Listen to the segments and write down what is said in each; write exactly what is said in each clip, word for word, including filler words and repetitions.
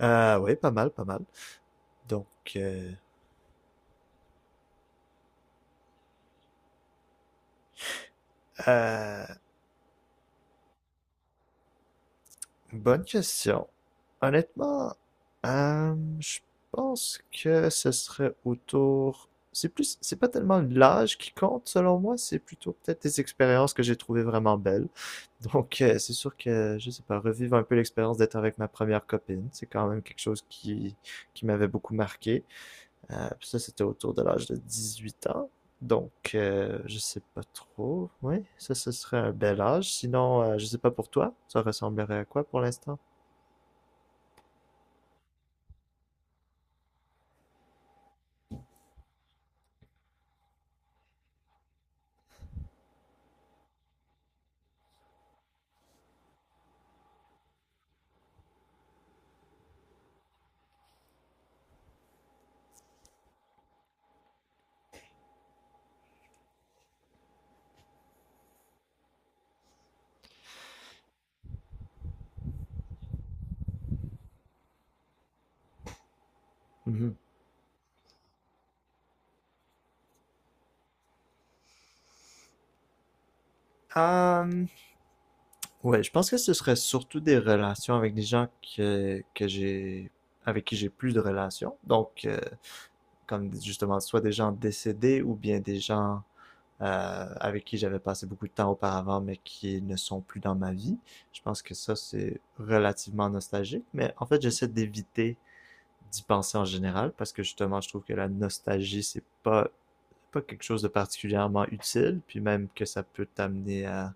Euh, oui, pas mal, pas mal. Donc, euh, euh, Bonne question. Honnêtement, euh, je pense que ce serait autour. C'est plus, c'est pas tellement l'âge qui compte selon moi, c'est plutôt peut-être des expériences que j'ai trouvées vraiment belles. Donc, euh, c'est sûr que, je sais pas, revivre un peu l'expérience d'être avec ma première copine, c'est quand même quelque chose qui, qui m'avait beaucoup marqué. Euh, puis ça, c'était autour de l'âge de dix-huit ans. Donc, euh, je sais pas trop. Oui, ça, ce serait un bel âge. Sinon, euh, je sais pas pour toi, ça ressemblerait à quoi pour l'instant? Mhm. Euh, ouais, je pense que ce serait surtout des relations avec des gens que, que j'ai, avec qui j'ai plus de relations. Donc, euh, comme justement, soit des gens décédés ou bien des gens euh, avec qui j'avais passé beaucoup de temps auparavant, mais qui ne sont plus dans ma vie. Je pense que ça, c'est relativement nostalgique, mais en fait, j'essaie d'éviter d'y penser en général, parce que justement, je trouve que la nostalgie, c'est pas pas quelque chose de particulièrement utile, puis même que ça peut t'amener à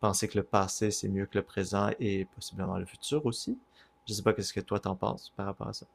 penser que le passé, c'est mieux que le présent et possiblement le futur aussi. Je sais pas qu'est-ce que toi t'en penses par rapport à ça.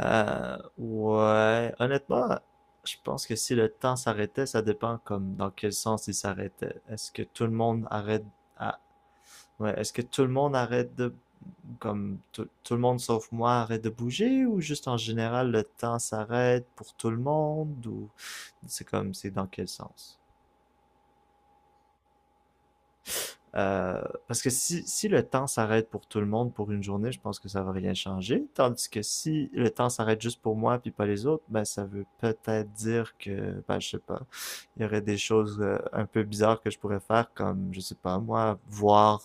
Euh, ouais, honnêtement, je pense que si, le temps s'arrêtait, ça dépend comme dans quel sens il s'arrêtait. Est-ce que tout le monde arrête ah, ouais, est-ce que tout le monde arrête de comme tout, tout le monde sauf moi arrête de bouger ou juste en général le temps s'arrête pour tout le monde ou c'est comme c'est dans quel sens? Euh, parce que si, si le temps s'arrête pour tout le monde pour une journée, je pense que ça va rien changer. Tandis que si le temps s'arrête juste pour moi puis pas les autres, ben ça veut peut-être dire que, ben je sais pas, il y aurait des choses euh, un peu bizarres que je pourrais faire, comme, je sais pas, moi, voir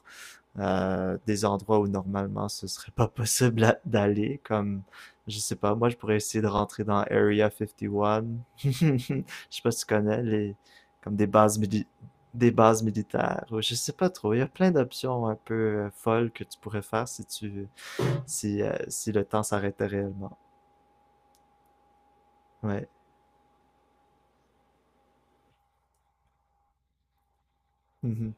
euh, des endroits où normalement ce serait pas possible à- d'aller, comme, je sais pas, moi je pourrais essayer de rentrer dans Area cinquante et un. Je sais pas si tu connais les, comme des bases mili- des bases militaires. Ou je sais pas trop. Il y a plein d'options un peu euh, folles que tu pourrais faire si tu si, euh, si le temps s'arrêtait réellement. Ouais. Mhm.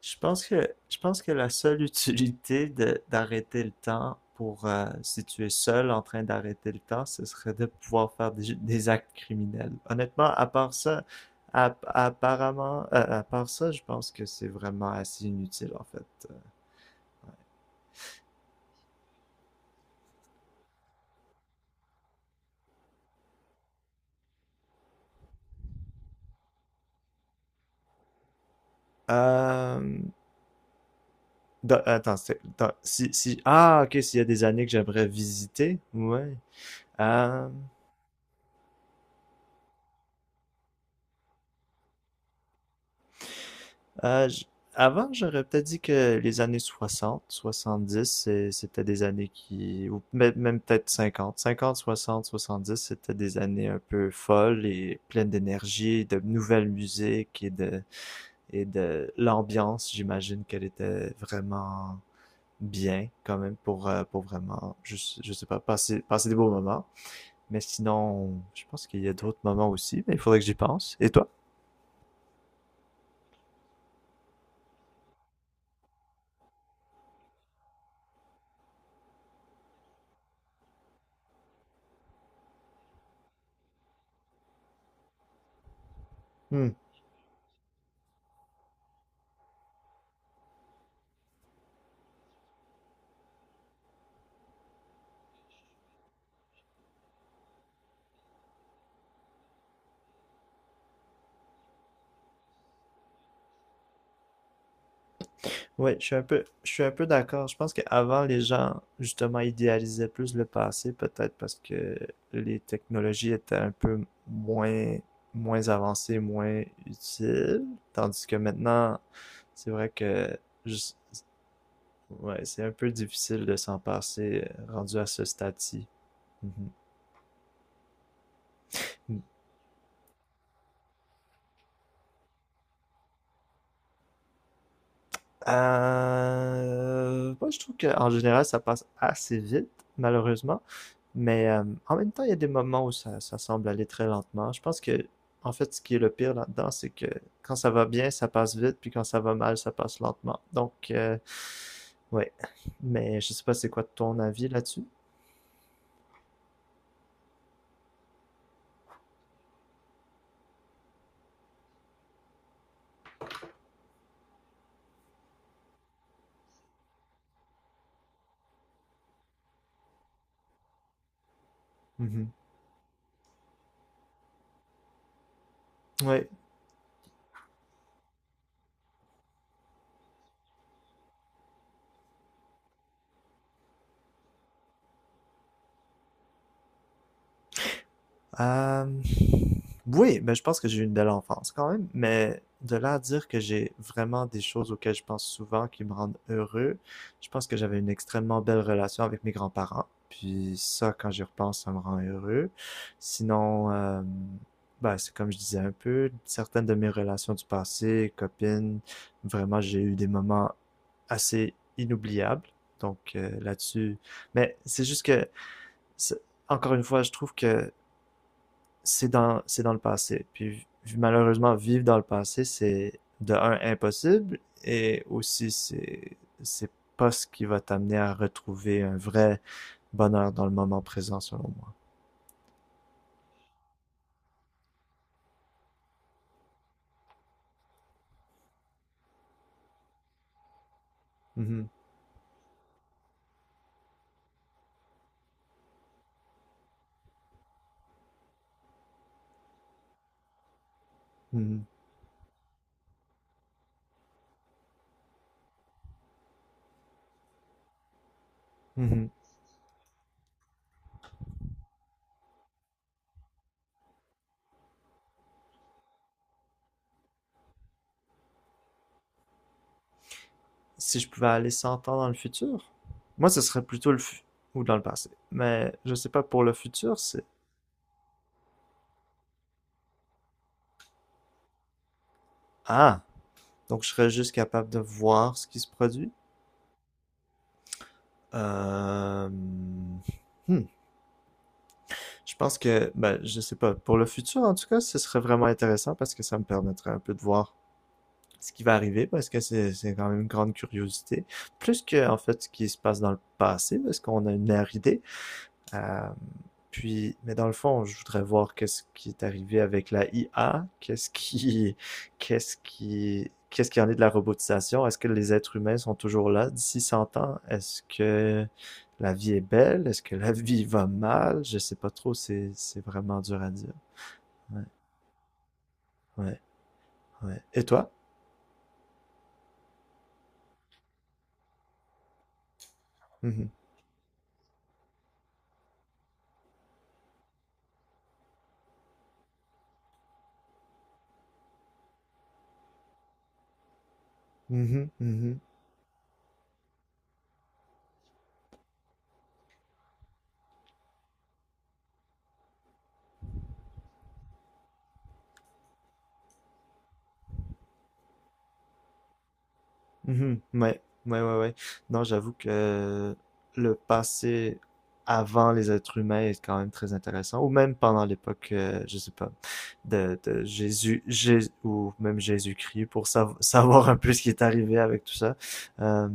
Je pense que je pense que la seule utilité de- d'arrêter le temps pour euh, si tu es seul en train d'arrêter le temps, ce serait de pouvoir faire des, des actes criminels. Honnêtement, à part ça, app- apparemment, euh, à part ça, je pense que c'est vraiment assez inutile en fait. Euh, Dans- attends, c'est- dans- si, si, Ah, ok, s'il y a des années que j'aimerais visiter, ouais. Euh, euh, j- Avant, j'aurais peut-être dit que les années soixante soixante-dix, c'est- c'était des années qui, ou mê- même peut-être cinquante cinquante soixante soixante-dix, c'était des années un peu folles et pleines d'énergie, de nouvelles musiques et de, et de l'ambiance. J'imagine qu'elle était vraiment bien quand même pour, euh, pour vraiment, je, je sais pas, passer, passer des beaux moments. Mais sinon, je pense qu'il y a d'autres moments aussi, mais il faudrait que j'y pense. Et toi? Hmm. Oui, je suis un peu, je suis un peu d'accord. Je pense qu'avant, les gens, justement, idéalisaient plus le passé, peut-être parce que les technologies étaient un peu moins, moins avancées, moins utiles. Tandis que maintenant, c'est vrai que juste- ouais, c'est un peu difficile de s'en passer euh, rendu à ce stade-ci. Mhm. Euh, moi, je trouve qu'en général, ça passe assez vite, malheureusement. Mais euh, en même temps, il y a des moments où ça, ça semble aller très lentement. Je pense que, en fait, ce qui est le pire là-dedans, c'est que quand ça va bien, ça passe vite, puis quand ça va mal, ça passe lentement. Donc, euh, ouais. Mais je sais pas, c'est quoi ton avis là-dessus? Mhm. Ouais. Euh, oui, ben, je pense que j'ai eu une belle enfance quand même, mais de là à dire que j'ai vraiment des choses auxquelles je pense souvent qui me rendent heureux, je pense que j'avais une extrêmement belle relation avec mes grands-parents. Puis ça, quand j'y repense, ça me rend heureux. Sinon, euh, ben, c'est comme je disais un peu, certaines de mes relations du passé, copines, vraiment, j'ai eu des moments assez inoubliables. Donc euh, là-dessus, mais c'est juste que, c'est- encore une fois, je trouve que c'est dans, c'est dans le passé. Puis malheureusement, vivre dans le passé, c'est de un impossible et aussi c'est, c'est pas ce qui va t'amener à retrouver un vrai bonheur dans le moment présent, selon moi. Mhm, mhm, mhm. Si je pouvais aller 100 ans dans le futur, moi ce serait plutôt le fu- ou dans le passé. Mais je sais pas pour le futur, c'est ah donc je serais juste capable de voir ce qui se produit. Euh... hmm. Je pense que, ben, je sais pas, pour le futur en tout cas, ce serait vraiment intéressant parce que ça me permettrait un peu de voir ce qui va arriver parce que c'est c'est quand même une grande curiosité. Plus que, en fait, ce qui se passe dans le passé parce qu'on a une idée. Euh, puis, mais dans le fond, je voudrais voir qu'est-ce qui est arrivé avec la I A, qu'est-ce qui, qu'est-ce qui, qu'est-ce qui en est de la robotisation? Est-ce que les êtres humains sont toujours là d'ici cent ans? Est-ce que la vie est belle? Est-ce que la vie va mal? Je sais pas trop, c'est, c'est vraiment dur à dire. Ouais, ouais, ouais. Et toi? Mhm, mhm, mhm. Mhm. Ouais, ouais, ouais, ouais. Non, j'avoue que le passé avant les êtres humains est quand même très intéressant, ou même pendant l'époque, euh, je sais pas, de, de Jésus, Jé- ou même Jésus-Christ, pour sav- savoir un peu ce qui est arrivé avec tout ça. Euh,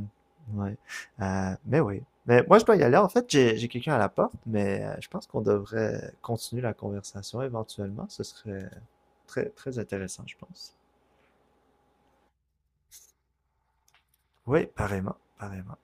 ouais. Euh, mais oui. Mais moi, je dois y aller. En fait, j'ai j'ai quelqu'un à la porte, mais euh, je pense qu'on devrait continuer la conversation éventuellement. Ce serait très, très intéressant, je pense. Oui, pareillement, pareillement.